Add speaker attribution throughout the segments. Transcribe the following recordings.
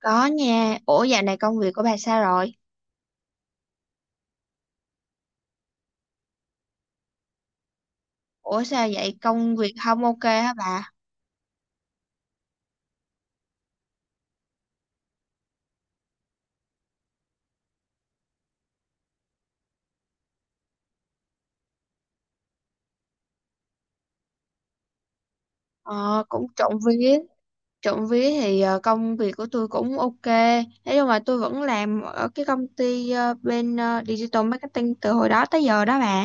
Speaker 1: Có nha. Ủa dạo này công việc của bà sao rồi? Ủa sao vậy? Công việc không ok hả bà? Ờ, cũng trộm vía. Trộm vía thì công việc của tôi cũng ok. Thế nhưng mà tôi vẫn làm ở cái công ty bên digital marketing từ hồi đó tới giờ đó bà.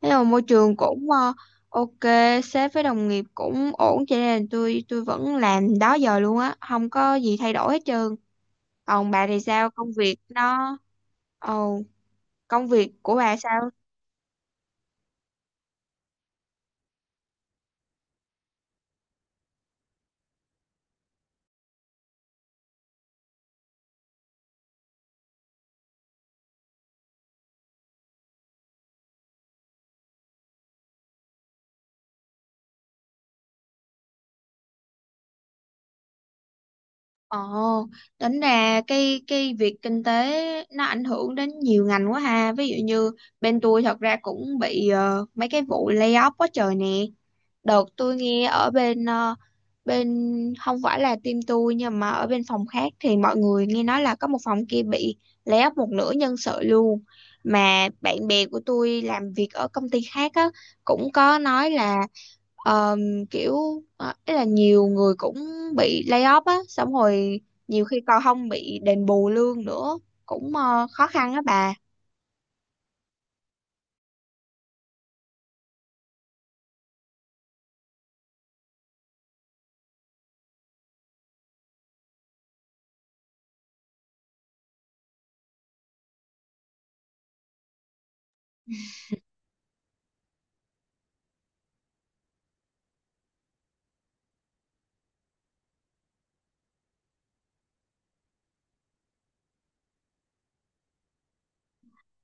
Speaker 1: Thế mà môi trường cũng ok, sếp với đồng nghiệp cũng ổn cho nên là tôi vẫn làm đó giờ luôn á, không có gì thay đổi hết trơn. Còn bà thì sao? Công việc nó... Ồ, công việc của bà sao? Ồ, tính ra cái việc kinh tế nó ảnh hưởng đến nhiều ngành quá ha. Ví dụ như bên tôi thật ra cũng bị mấy cái vụ layoff quá trời nè. Đợt tôi nghe ở bên bên không phải là team tôi nhưng mà ở bên phòng khác thì mọi người nghe nói là có một phòng kia bị lay off một nửa nhân sự luôn. Mà bạn bè của tôi làm việc ở công ty khác á cũng có nói là ờm, kiểu ý là nhiều người cũng bị lay off á, xong rồi nhiều khi còn không bị đền bù lương nữa, cũng khó khăn á bà.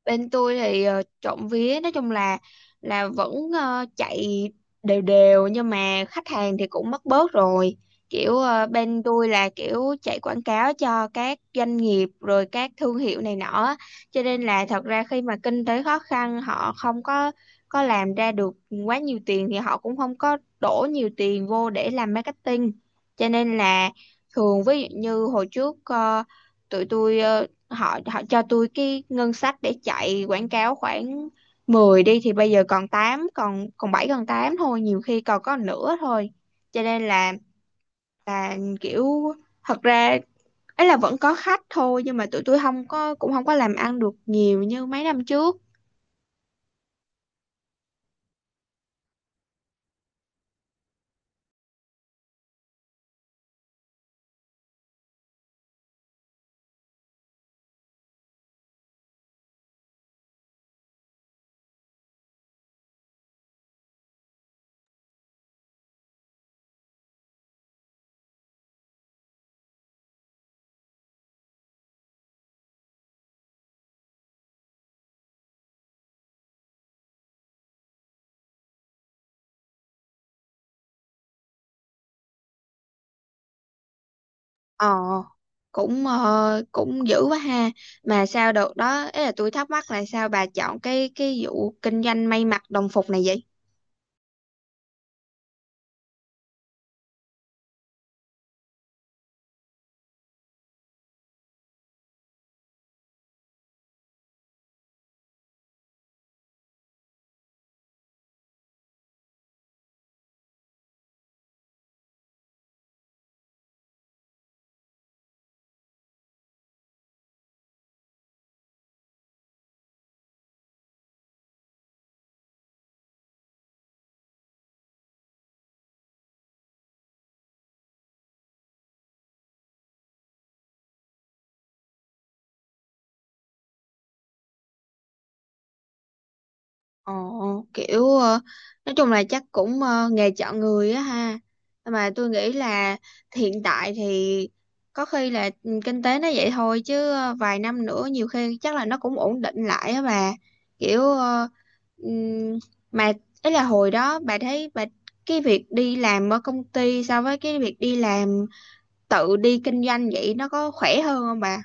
Speaker 1: Bên tôi thì trộm vía nói chung là vẫn chạy đều đều nhưng mà khách hàng thì cũng mất bớt rồi, kiểu bên tôi là kiểu chạy quảng cáo cho các doanh nghiệp rồi các thương hiệu này nọ á. Cho nên là thật ra khi mà kinh tế khó khăn họ không có có làm ra được quá nhiều tiền thì họ cũng không có đổ nhiều tiền vô để làm marketing, cho nên là thường ví dụ như hồi trước tụi tôi họ họ cho tôi cái ngân sách để chạy quảng cáo khoảng 10 đi thì bây giờ còn 8 còn còn 7 còn 8 thôi, nhiều khi còn có nửa thôi. Cho nên là kiểu thật ra ấy là vẫn có khách thôi nhưng mà tụi tôi không có cũng không có làm ăn được nhiều như mấy năm trước. Ờ, cũng cũng dữ quá ha. Mà sao đợt đó ấy là tôi thắc mắc là sao bà chọn cái vụ kinh doanh may mặc đồng phục này vậy? Ồ, kiểu nói chung là chắc cũng nghề chọn người á ha. Nhưng mà tôi nghĩ là hiện tại thì có khi là ừ, kinh tế nó vậy thôi chứ vài năm nữa nhiều khi chắc là nó cũng ổn định lại á bà. Kiểu ừm, mà ấy là hồi đó bà thấy bà cái việc đi làm ở công ty so với cái việc đi làm tự đi kinh doanh vậy nó có khỏe hơn không bà?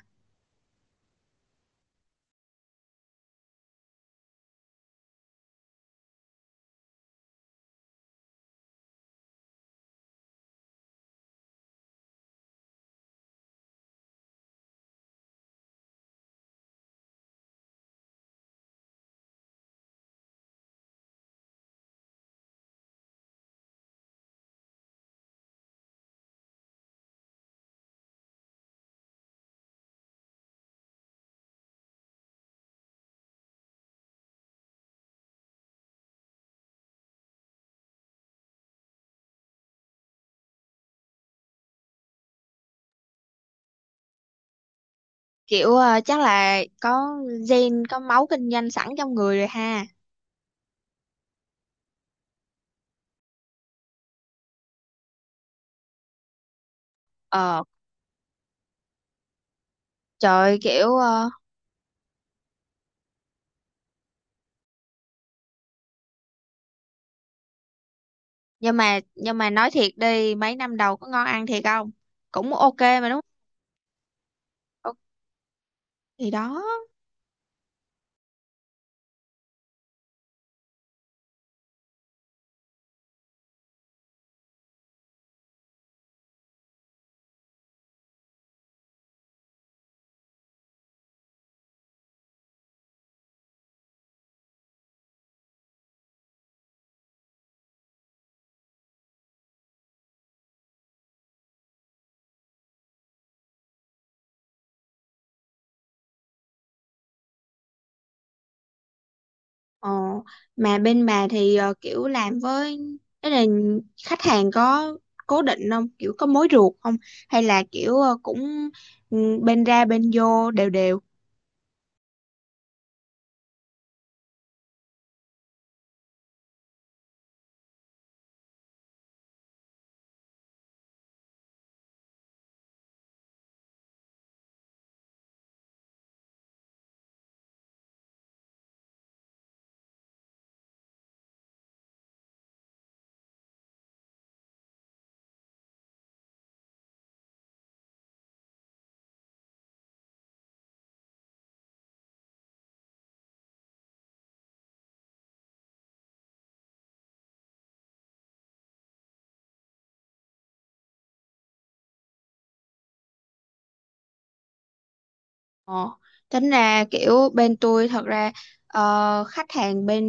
Speaker 1: Kiểu chắc là có gen có máu kinh doanh sẵn trong người rồi ha. Ờ. Trời kiểu nhưng mà nói thiệt đi mấy năm đầu có ngon ăn thiệt không? Cũng ok mà đúng không? Ok. Thì đó. Ờ, mà bên bà thì kiểu làm với tức là khách hàng có cố định không? Kiểu có mối ruột không? Hay là kiểu cũng ừ, bên ra bên vô đều đều. Ờ, tính ra kiểu bên tôi thật ra khách hàng bên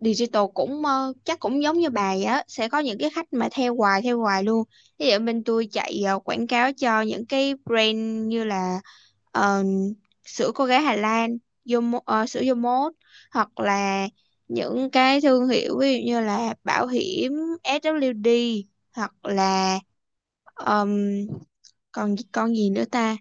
Speaker 1: digital cũng chắc cũng giống như bà vậy á, sẽ có những cái khách mà theo hoài luôn. Ví dụ bên tôi chạy quảng cáo cho những cái brand như là ờ, sữa cô gái Hà Lan, Yomo, sữa Yomot, hoặc là những cái thương hiệu ví dụ như là bảo hiểm SWD, hoặc là còn con gì nữa ta.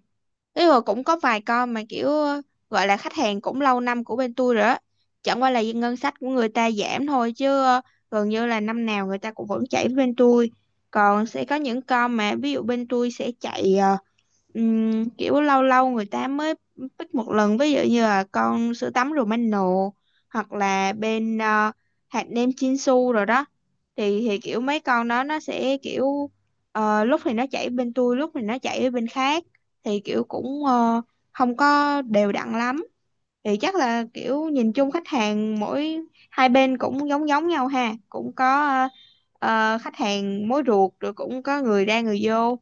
Speaker 1: Ý là cũng có vài con mà kiểu gọi là khách hàng cũng lâu năm của bên tôi rồi á, chẳng qua là ngân sách của người ta giảm thôi chứ gần như là năm nào người ta cũng vẫn chạy với bên tôi. Còn sẽ có những con mà ví dụ bên tôi sẽ chạy kiểu lâu lâu người ta mới pick một lần, ví dụ như là con sữa tắm Romano, hoặc là bên hạt nêm Chinsu rồi đó. Thì kiểu mấy con đó nó sẽ kiểu lúc thì nó chảy bên tôi, lúc thì nó chảy ở bên khác, thì kiểu cũng không có đều đặn lắm. Thì chắc là kiểu nhìn chung khách hàng mỗi hai bên cũng giống giống nhau ha, cũng có khách hàng mối ruột rồi cũng có người ra người vô.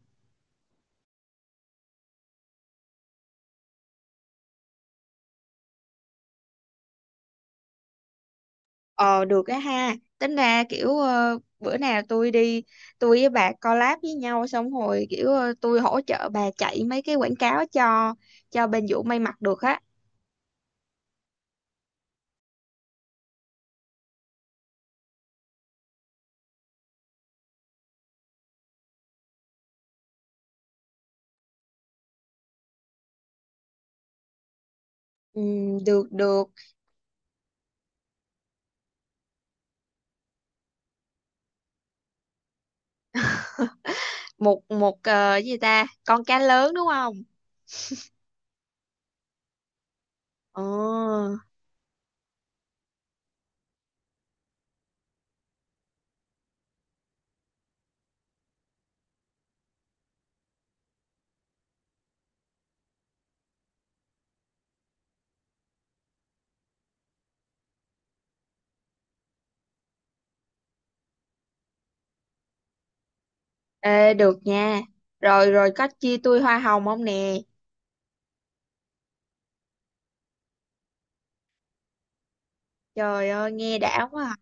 Speaker 1: Ờ được á ha. Tính ra kiểu bữa nào tôi đi, tôi với bà collab với nhau. Xong rồi kiểu tôi hỗ trợ bà chạy mấy cái quảng cáo cho bên Vũ may mặc được á. Ừ, được được. Một một cái gì ta. Con cá lớn đúng không? Ờ. Ê được nha. Rồi rồi, có chia tôi hoa hồng không nè? Trời ơi nghe đã quá à.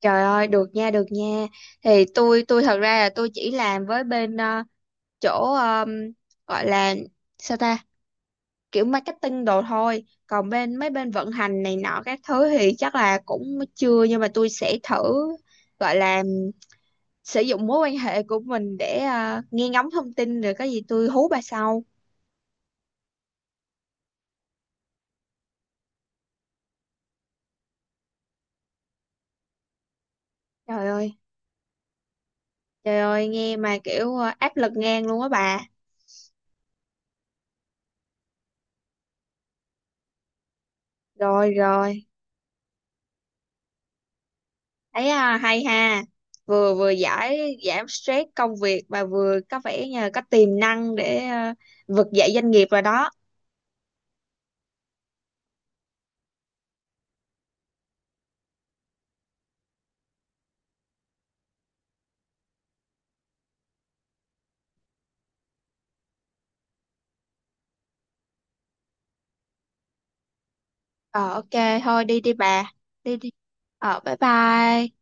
Speaker 1: Trời ơi được nha, được nha. Thì tôi thật ra là tôi chỉ làm với bên chỗ gọi là sao ta, kiểu marketing đồ thôi, còn bên mấy bên vận hành này nọ các thứ thì chắc là cũng chưa, nhưng mà tôi sẽ thử gọi là sử dụng mối quan hệ của mình để à, nghe ngóng thông tin, rồi có gì tôi hú bà sau. Trời ơi, trời ơi nghe mà kiểu à, áp lực ngang luôn á bà. Rồi rồi, thấy à, hay ha, vừa vừa giảm stress công việc mà vừa có vẻ như là có tiềm năng để à, vực dậy doanh nghiệp rồi đó. Ờ ok thôi đi đi bà. Đi đi. Ờ bye bye.